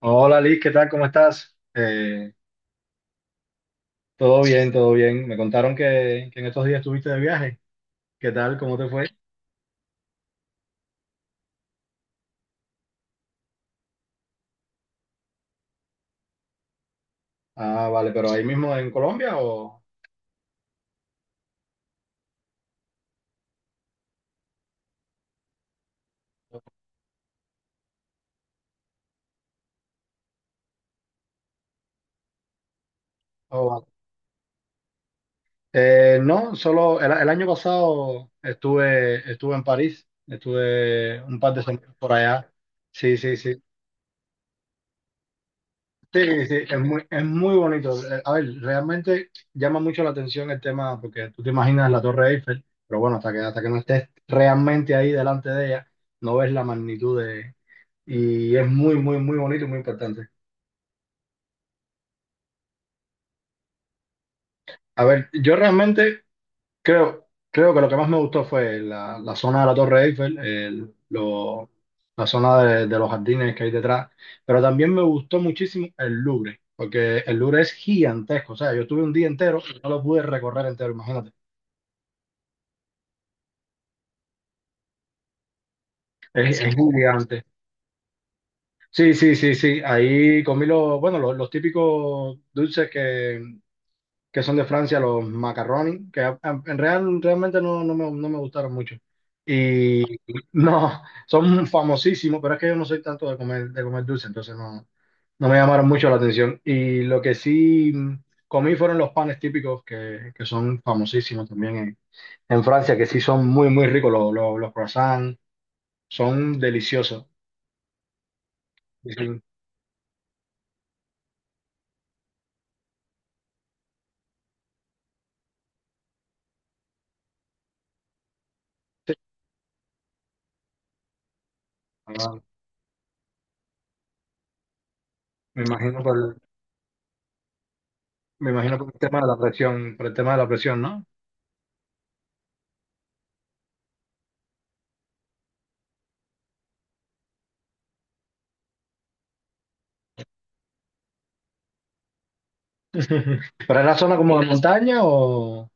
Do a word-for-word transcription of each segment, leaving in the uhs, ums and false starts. Hola Liz, ¿qué tal? ¿Cómo estás? Eh, todo bien, todo bien. Me contaron que, que en estos días estuviste de viaje. ¿Qué tal? ¿Cómo te fue? Ah, vale, pero ahí mismo en Colombia o... o- Eh, no, solo el, el año pasado estuve, estuve en París, estuve un par de semanas por allá. Sí, sí, sí. Sí, sí, es muy, es muy bonito. Eh, A ver, realmente llama mucho la atención el tema, porque tú te imaginas la Torre Eiffel, pero bueno, hasta que, hasta que no estés realmente ahí delante de ella, no ves la magnitud de... Y es muy, muy, muy bonito y muy importante. A ver, yo realmente Creo, creo que lo que más me gustó fue la, la zona de la Torre Eiffel, el- lo- la zona de, de los jardines que hay detrás, pero también me gustó muchísimo el Louvre, porque el Louvre es gigantesco, o sea, yo estuve un día entero, y no lo pude recorrer entero, imagínate, es, Sí. Es gigante. Sí, sí, sí, sí, ahí comí los, bueno, los, los típicos dulces que que son de Francia, los macaroni, que a- a- en real, realmente no, no me, no me gustaron mucho. Y no, son famosísimos, pero es que yo no soy tanto de comer, de comer dulce, entonces no, no me llamaron mucho la atención. Y lo que sí comí fueron los panes típicos, que, que son famosísimos también en, en Francia, que sí son muy, muy ricos, los, los, los croissants, son deliciosos. Y sí, sí, ah, me imagino por, el- me imagino por el tema de la presión, por el tema de la presión, ¿no? ¿Pero era zona como de Era- montaña o...?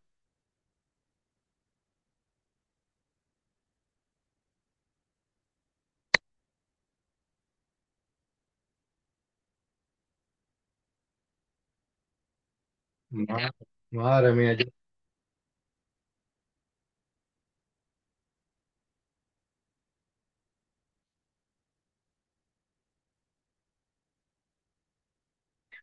Ma- Madre mía, yo- No,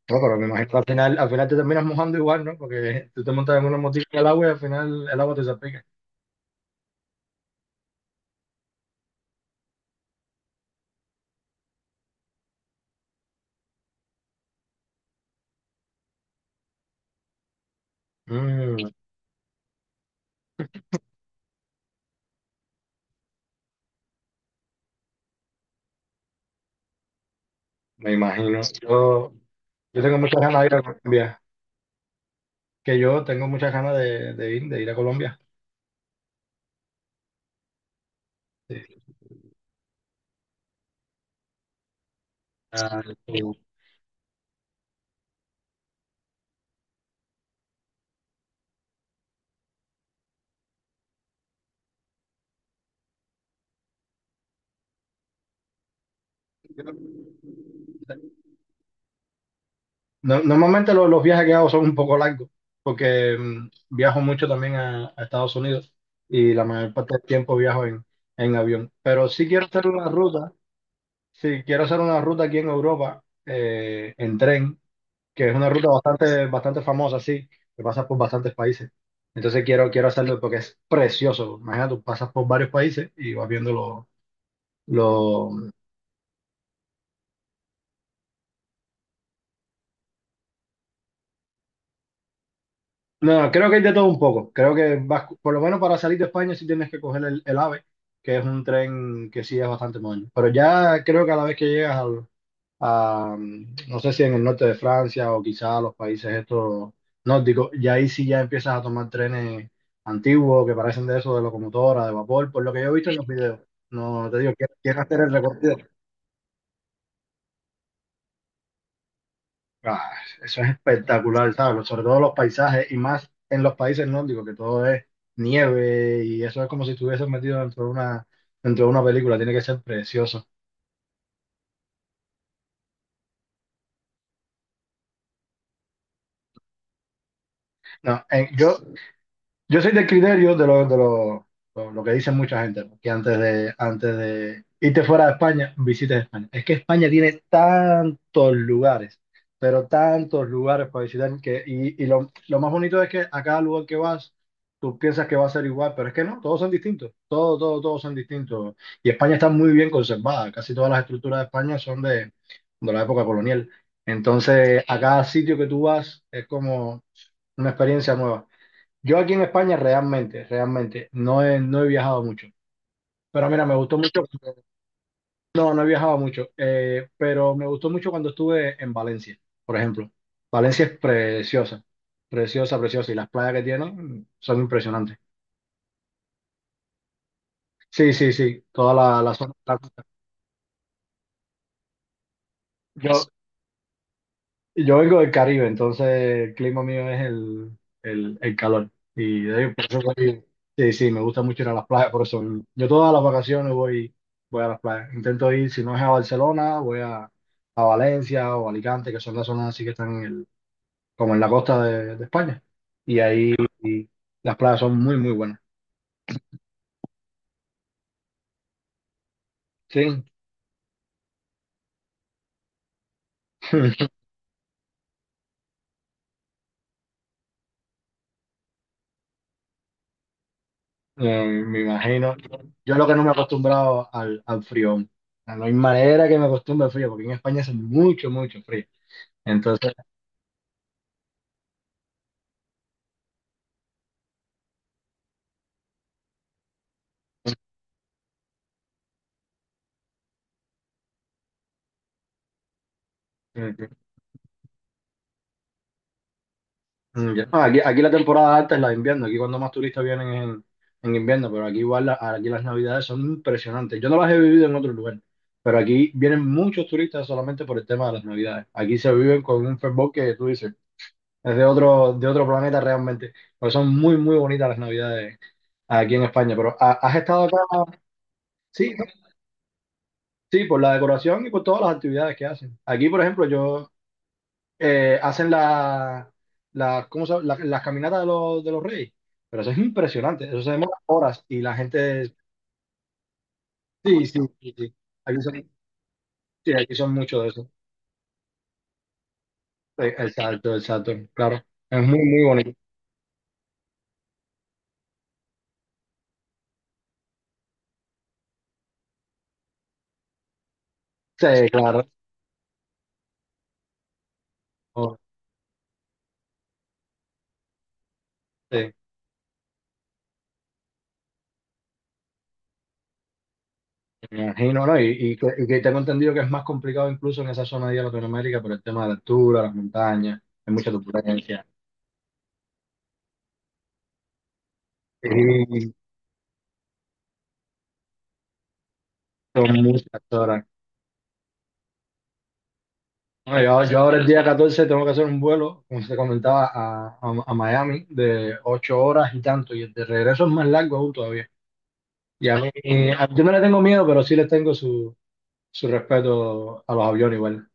pero me imagino que al final, al final te terminas mojando igual, ¿no? Porque tú te montas en una motica en el agua y al final el agua te salpica. Mm, me imagino. Yo, yo tengo muchas ganas de ir a Colombia. Que yo tengo muchas ganas de, de ir, de ir a Colombia. Sí. Ah, sí. No- normalmente lo- los viajes que hago son un poco largos, porque mm, viajo mucho también a, a Estados Unidos y la mayor parte del tiempo viajo en, en avión. Pero sí quiero hacer una ruta, sí quiero hacer una ruta aquí en Europa eh, en tren, que es una ruta bastante, bastante famosa, sí, que pasa por bastantes países. Entonces quiero, quiero hacerlo porque es precioso. Imagínate, tú pasas por varios países y vas viendo los... No, creo que hay de todo un poco. Creo que vas, por lo menos para salir de España sí tienes que coger el, el AVE, que es un tren que sí es bastante moderno. Pero ya creo que a la vez que llegas al- a, mm, no sé si en el norte de Francia o quizá a los países estos nórdicos, y ahí sí ya empiezas a tomar trenes antiguos que parecen de eso, de locomotora, de vapor, por lo que yo he visto en los videos. No te digo, que hacer el recorrido. Ah, eso es espectacular, ¿sabes? Sobre todo los paisajes y más en los países nórdicos, que todo es nieve y eso es como si estuvieses metido dentro de una, dentro de una película, tiene que ser precioso. No, en- yo, Yo soy del criterio de lo, de lo, lo- lo que dice mucha gente, ¿no? Que antes de, antes de irte fuera de España, visites España. Es que España tiene tantos lugares, pero tantos lugares para visitar, que, y, y lo, lo más bonito es que a cada lugar que vas, tú piensas que va a ser igual, pero es que no, todos son distintos, todos, todos, todos son distintos. Y España está muy bien conservada, casi todas las estructuras de España son de, de la época colonial. Entonces, a cada sitio que tú vas es como una experiencia nueva. Yo aquí en España realmente, realmente, no he, no he viajado mucho. Pero mira, me gustó mucho. No, no he viajado mucho, eh, pero me gustó mucho cuando estuve en Valencia, por ejemplo. Valencia es preciosa, preciosa, preciosa. Y las playas que tiene mm, son impresionantes. Sí, sí, sí, toda la, la zona. Yo, Y Yo vengo del Caribe, entonces el clima mío es el, el, el calor. Y de ahí, por eso voy- sí, sí, me gusta mucho ir a las playas, por eso yo todas las vacaciones voy, voy a las playas. Intento ir, si no es a Barcelona, voy a, a Valencia o Alicante, que son las zonas así que están en el, como en la costa de, de España. Y ahí y las playas son muy, muy buenas. Sí, eh, me imagino. Yo lo que no me he acostumbrado al, al frío. O sea, no hay manera que me acostumbre al frío, porque en España hace mucho, mucho frío. Entonces, mm, mm, ya. No, aquí, aquí la temporada alta es la de invierno, aquí cuando más turistas vienen es en, en invierno, pero aquí igual la- aquí las navidades son impresionantes. Yo no las he vivido en otro lugar, pero aquí vienen muchos turistas solamente por el tema de las navidades. Aquí se viven con un fervor que tú dices, es de otro, de otro planeta realmente, porque son muy, muy bonitas las navidades aquí en España. Pero ¿ha- ¿has estado acá? Sí, ¿no? Sí, por la decoración y por todas las actividades que hacen. Aquí, por ejemplo, yo... eh, hacen la, la, ¿cómo se llama? La- las caminatas de los, de los reyes. Pero eso es impresionante, eso se demora horas y la gente, sí, sí, sí, sí. Aquí son, sí, aquí son muchos de eso. Sí, el salto, el salto, claro. Es muy, muy bonito. Sí, claro. Oh, sí, me imagino, ¿no? Y, y que, y que tengo entendido que es más complicado incluso en esa zona de Latinoamérica por el tema de la altura, las montañas, hay mucha turbulencia. Sí, son muchas horas. Bueno, yo, yo ahora el día catorce tengo que hacer un vuelo, como te comentaba, a, a- a Miami de ocho horas y tanto, y el de regreso es más largo aún todavía. Y a mí, a- yo no le tengo miedo, pero sí les tengo su, su respeto a los aviones igual.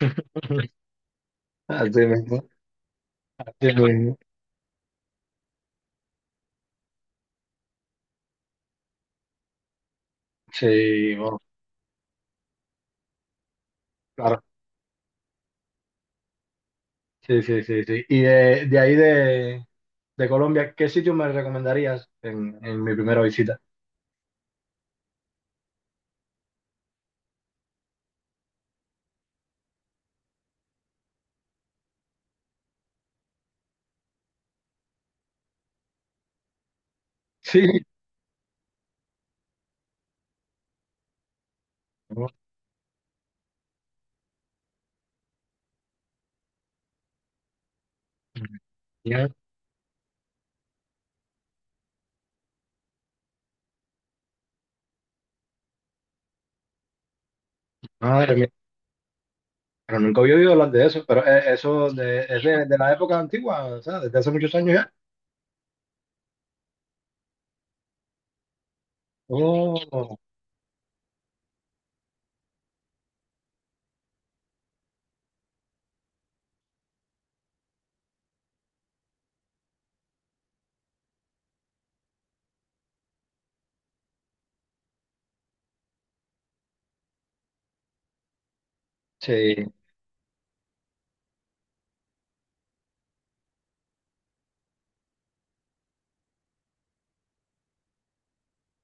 Así mismo, así mismo. Sí, bueno, claro. Sí, sí, sí, sí. Y de, de ahí de, de Colombia, ¿qué sitio me recomendarías en, en mi primera visita? Sí. Madre mía, pero nunca había oído hablar de eso, pero eh, eso de, es de, de la época antigua, o sea, desde hace muchos años ya. Oh, sí,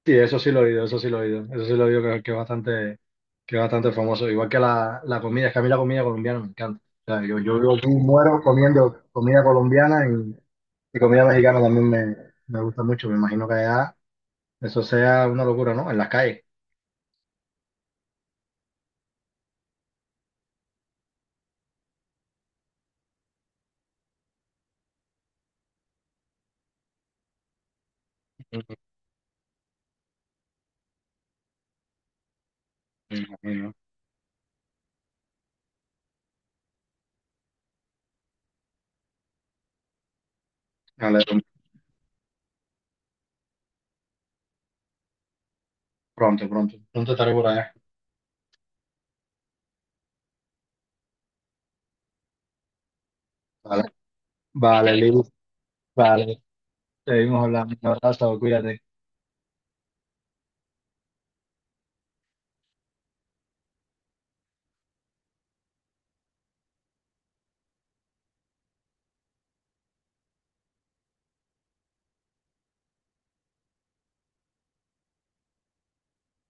sí, eso sí lo he oído, eso sí lo he oído, eso sí lo he oído que, que es bastante, que es bastante famoso. Igual que la, la comida, es que a mí la comida colombiana me encanta. O sea, yo, yo vivo aquí, muero comiendo comida colombiana y, y comida mexicana también me, me gusta mucho. Me imagino que allá eso sea una locura, ¿no? En las calles. Mm, me imagino. Vale, pronto, pronto. Pronto estaré por allá. Vale, vale, Lili. Vale, seguimos hablando. Un abrazo, cuídate.